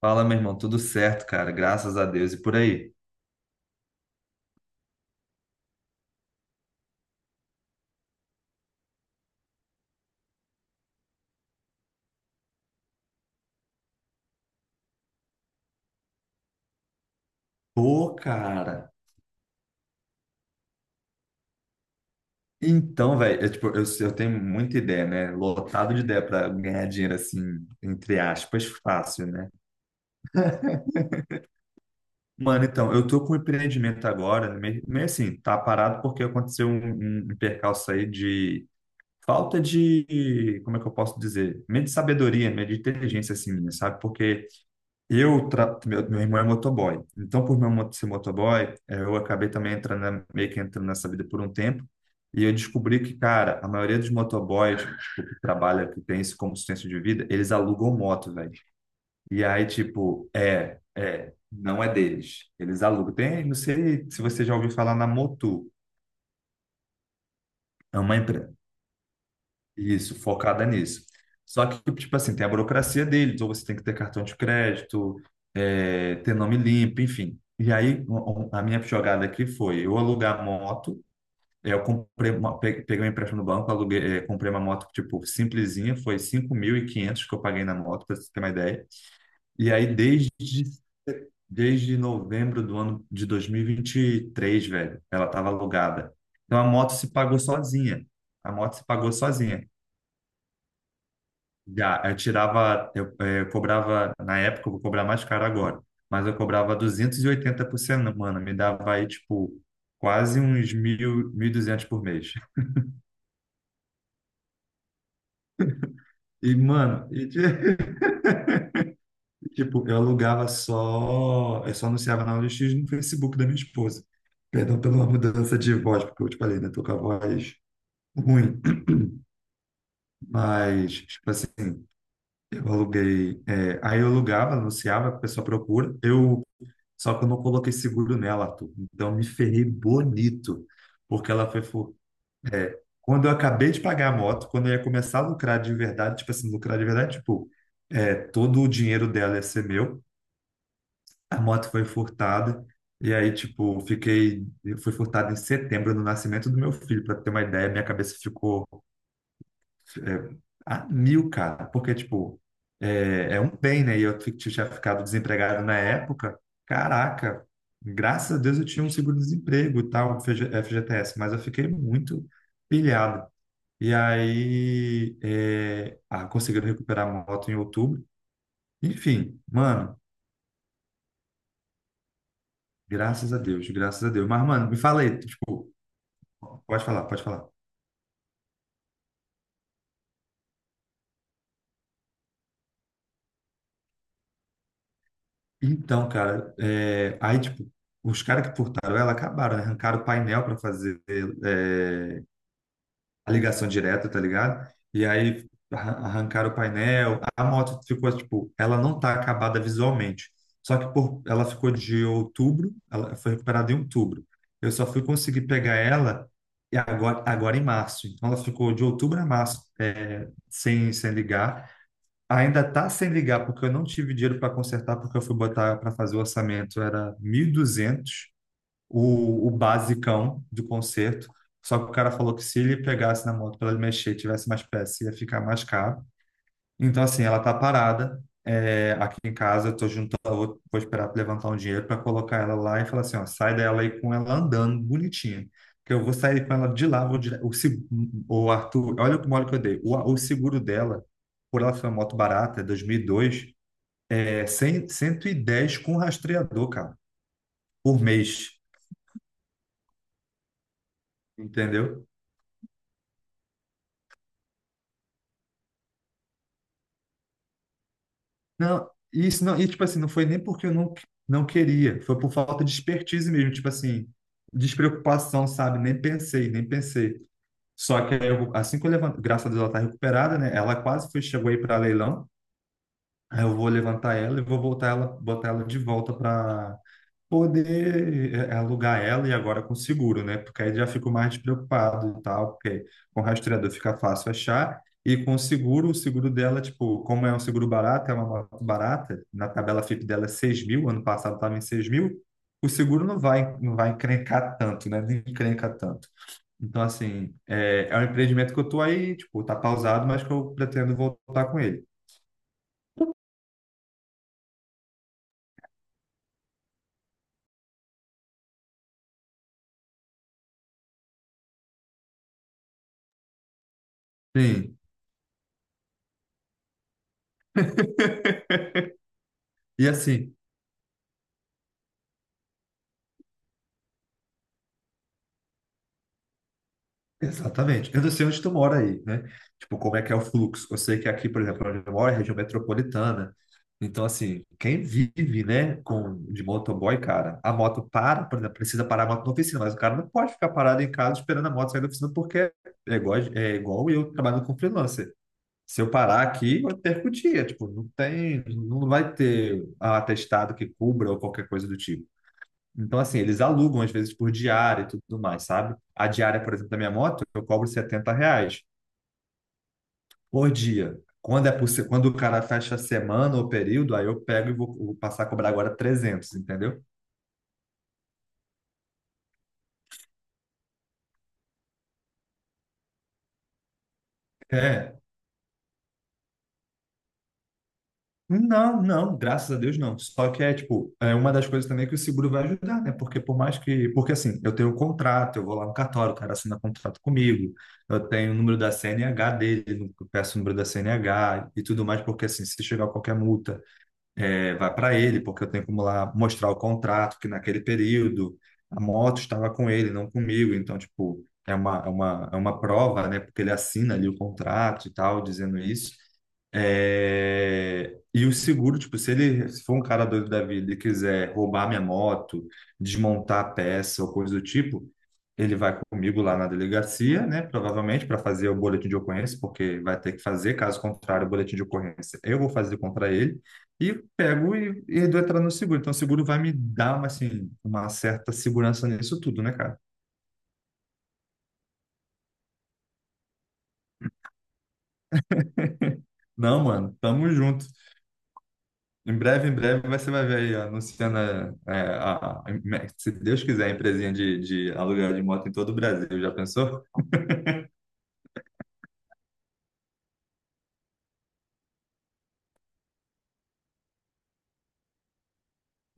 Fala, meu irmão, tudo certo, cara, graças a Deus e por aí. Pô, cara. Então, velho, eu, tipo, eu tenho muita ideia, né? Lotado de ideia para ganhar dinheiro assim, entre aspas, fácil, né? Mano, então, eu tô com um empreendimento agora, meio assim, tá parado porque aconteceu um percalço aí de falta de, como é que eu posso dizer? Meio de sabedoria, meio de inteligência, assim, minha, sabe? Porque meu irmão é motoboy. Então, por meu irmão ser motoboy, eu acabei também entrando, meio que entrando nessa vida por um tempo. E eu descobri que, cara, a maioria dos motoboys que trabalha, que tem isso como sustento de vida, eles alugam moto, velho. E aí, tipo, não é deles. Eles alugam. Tem, não sei se você já ouviu falar na Motu. É uma empresa. Isso, focada nisso. Só que, tipo assim, tem a burocracia deles, ou você tem que ter cartão de crédito, ter nome limpo, enfim. E aí, a minha jogada aqui foi eu alugar a moto, eu comprei uma, peguei um empréstimo no banco, comprei uma moto, tipo, simplesinha, foi 5.500 que eu paguei na moto, para você ter uma ideia. E aí, desde novembro do ano de 2023, velho, ela estava alugada. Então, a moto se pagou sozinha. A moto se pagou sozinha. Já, eu tirava, eu, eh, cobrava, na época, eu vou cobrar mais caro agora, mas eu cobrava 280 por semana, me dava aí, tipo, quase uns 1.000, 200 por mês. E, mano, tipo, eu alugava só, eu só anunciava na OLX e no Facebook da minha esposa. Perdão pela mudança de voz, porque eu te falei, né, tô com a voz ruim, mas, tipo assim, aí eu alugava, anunciava, a pessoa procura, eu. Só que eu não coloquei seguro nela, Arthur. Então me ferrei bonito, porque ela foi, fu- é, quando eu acabei de pagar a moto, quando eu ia começar a lucrar de verdade, tipo assim, lucrar de verdade, tipo, todo o dinheiro dela ia ser meu, a moto foi furtada, e aí, tipo, foi furtada em setembro, no nascimento do meu filho, para ter uma ideia, minha cabeça ficou é, a mil, cara, porque, tipo, é um bem, né? E eu tinha ficado desempregado na época, caraca, graças a Deus eu tinha um seguro-desemprego e tal, FG FGTS, mas eu fiquei muito pilhado. E aí, conseguiram recuperar a moto em outubro. Enfim, mano, graças a Deus, graças a Deus. Mas, mano, me fala aí, tipo, pode falar, pode falar. Então, cara, aí, tipo, os caras que furtaram ela acabaram, né? Arrancaram o painel para fazer é, a ligação direta, tá ligado? E aí arrancaram o painel, a moto ficou, tipo, ela não tá acabada visualmente. Só que ela ficou de outubro, ela foi recuperada em outubro. Eu só fui conseguir pegar ela e agora em março. Então, ela ficou de outubro a março, sem ligar. Ainda tá sem ligar, porque eu não tive dinheiro para consertar, porque eu fui botar para fazer o orçamento, era 1.200 o basicão do conserto. Só que o cara falou que se ele pegasse na moto para ele mexer, e tivesse mais peça, ia ficar mais caro. Então, assim, ela tá parada, aqui em casa. Eu tô juntando, vou esperar pra levantar um dinheiro para colocar ela lá e falar assim: ó, sai dela aí com ela andando bonitinha. Que eu vou sair com ela de lá. Vou dire... o, se- o Arthur, olha o mole que eu dei. O seguro dela, por ela ser uma moto barata, é 2002, é 100, 110 com rastreador, cara, por mês. Entendeu? Não, isso não, e tipo assim, não foi nem porque eu não queria, foi por falta de expertise mesmo, tipo assim, despreocupação, sabe? Nem pensei, nem pensei. Só que aí eu, assim que eu levanto, graças a Deus ela tá recuperada, né? Ela quase chegou aí para leilão. Aí eu vou levantar ela e vou voltar ela, botar ela de volta para poder alugar ela e agora com seguro, né? Porque aí já fico mais despreocupado e tal, porque com o rastreador fica fácil achar. E com o seguro dela, tipo, como é um seguro barato, é uma moto barata, na tabela FIP dela é 6 mil, ano passado estava em 6 mil, o seguro não vai encrencar tanto, né? Não encrenca tanto. Então, assim, é um empreendimento que eu tô aí, tipo, tá pausado, mas que eu pretendo voltar com ele. Sim. E assim. Exatamente. Eu não sei onde tu mora aí, né? Tipo, como é que é o fluxo? Eu sei que aqui, por exemplo, onde eu moro é região metropolitana. Então, assim, quem vive, né, com, de motoboy, cara, a moto para, por exemplo, precisa parar a moto na oficina, mas o cara não pode ficar parado em casa esperando a moto sair da oficina, porque é igual eu trabalhando com freelancer. Se eu parar aqui, eu perco o dia. Tipo, não tem, não vai ter atestado que cubra ou qualquer coisa do tipo. Então, assim, eles alugam às vezes por diária e tudo mais, sabe? A diária, por exemplo, da minha moto, eu cobro R$ 70 por dia. Quando é por, se- quando o cara fecha a semana ou período, aí eu pego e vou passar a cobrar agora 300, entendeu? É. Não, não, graças a Deus não. Só que tipo, é uma das coisas também que o seguro vai ajudar, né? Porque por mais que... Porque, assim, eu tenho um contrato, eu vou lá no cartório, o cara assina contrato comigo, eu tenho o número da CNH dele, eu peço o número da CNH e tudo mais, porque, assim, se chegar qualquer multa, vai para ele, porque eu tenho como lá mostrar o contrato, que naquele período a moto estava com ele, não comigo. Então, tipo, é uma prova, né? Porque ele assina ali o contrato e tal, dizendo isso. É, e o seguro, tipo, se ele se for um cara doido da vida e quiser roubar minha moto, desmontar a peça ou coisa do tipo, ele vai comigo lá na delegacia, né? Provavelmente para fazer o boletim de ocorrência, porque vai ter que fazer, caso contrário, o boletim de ocorrência eu vou fazer contra ele, e pego e dou entrada no seguro. Então, o seguro vai me dar uma, assim, uma certa segurança nisso tudo, né, cara? Não, mano, tamo junto. Em breve, você vai ver aí, ó, anunciando, é, a, a- se Deus quiser, a empresinha de aluguel de moto em todo o Brasil. Já pensou?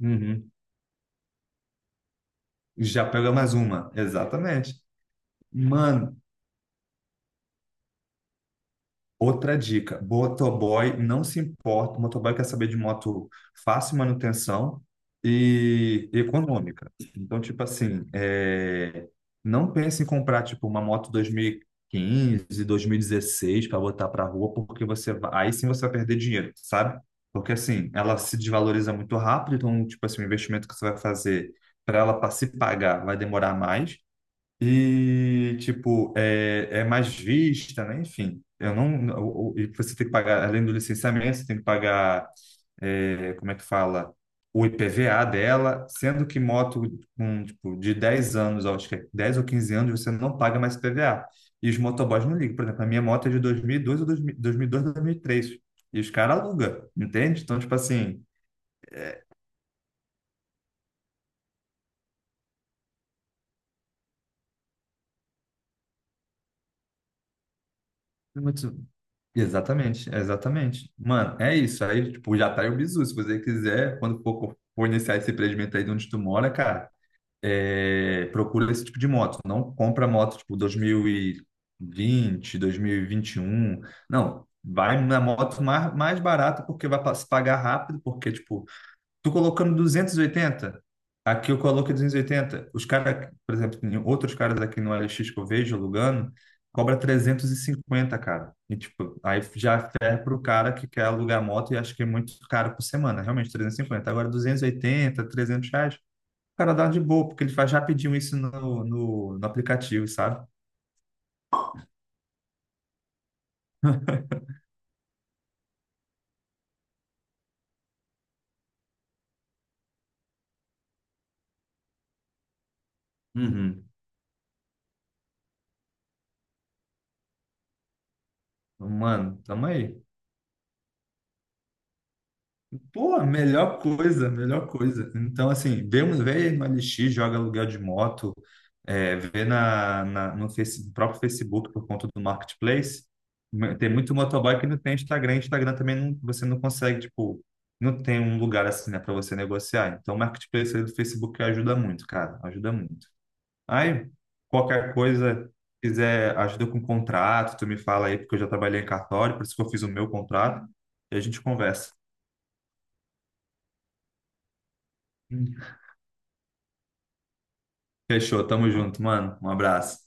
Uhum. Já pega mais uma, exatamente. Mano, outra dica, motoboy não se importa, o motoboy quer saber de moto fácil manutenção e econômica. Então, tipo assim, não pense em comprar tipo uma moto 2015, 2016 para botar para rua, porque aí sim você vai perder dinheiro, sabe? Porque assim, ela se desvaloriza muito rápido, então tipo assim, o investimento que você vai fazer para ela para se pagar vai demorar mais. E, tipo, é mais vista, né? Enfim, eu não. E você tem que pagar, além do licenciamento, você tem que pagar, como é que fala? O IPVA dela, sendo que moto com, tipo, de 10 anos, acho que é 10 ou 15 anos, você não paga mais IPVA. E os motoboys não ligam. Por exemplo, a minha moto é de 2002 ou 2000 2002, 2003. E 2003. E os caras alugam, entende? Então, tipo assim, exatamente, exatamente. Mano, é isso. Aí, tipo, já tá aí o bizu. Se você quiser, quando for iniciar esse empreendimento aí de onde tu mora, cara, procura esse tipo de moto. Não compra moto, tipo, 2020, 2021. Não, vai na moto mais barata, porque vai se pagar rápido, porque, tipo, tu colocando 280 aqui eu coloco 280. Os caras, por exemplo, tem outros caras aqui no LX que eu vejo alugando, cobra 350, cara. E tipo, aí já ferra pro cara que quer alugar moto e acho que é muito caro por semana, realmente 350. Agora 280, R$ 300, o cara dá de boa, porque ele faz rapidinho isso no aplicativo, sabe? Uhum. Mano, tamo aí. Pô, melhor coisa, melhor coisa. Então, assim, vê, vê no LX, joga aluguel de moto, vê no próprio Facebook por conta do Marketplace. Tem muito motoboy que não tem Instagram. Instagram também não, você não consegue, tipo, não tem um lugar assim, né, para você negociar. Então, o Marketplace aí do Facebook ajuda muito, cara, ajuda muito. Aí, qualquer coisa, quiser ajuda com contrato, tu me fala aí, porque eu já trabalhei em cartório, por isso que eu fiz o meu contrato, e a gente conversa. Fechou, tamo junto, mano. Um abraço.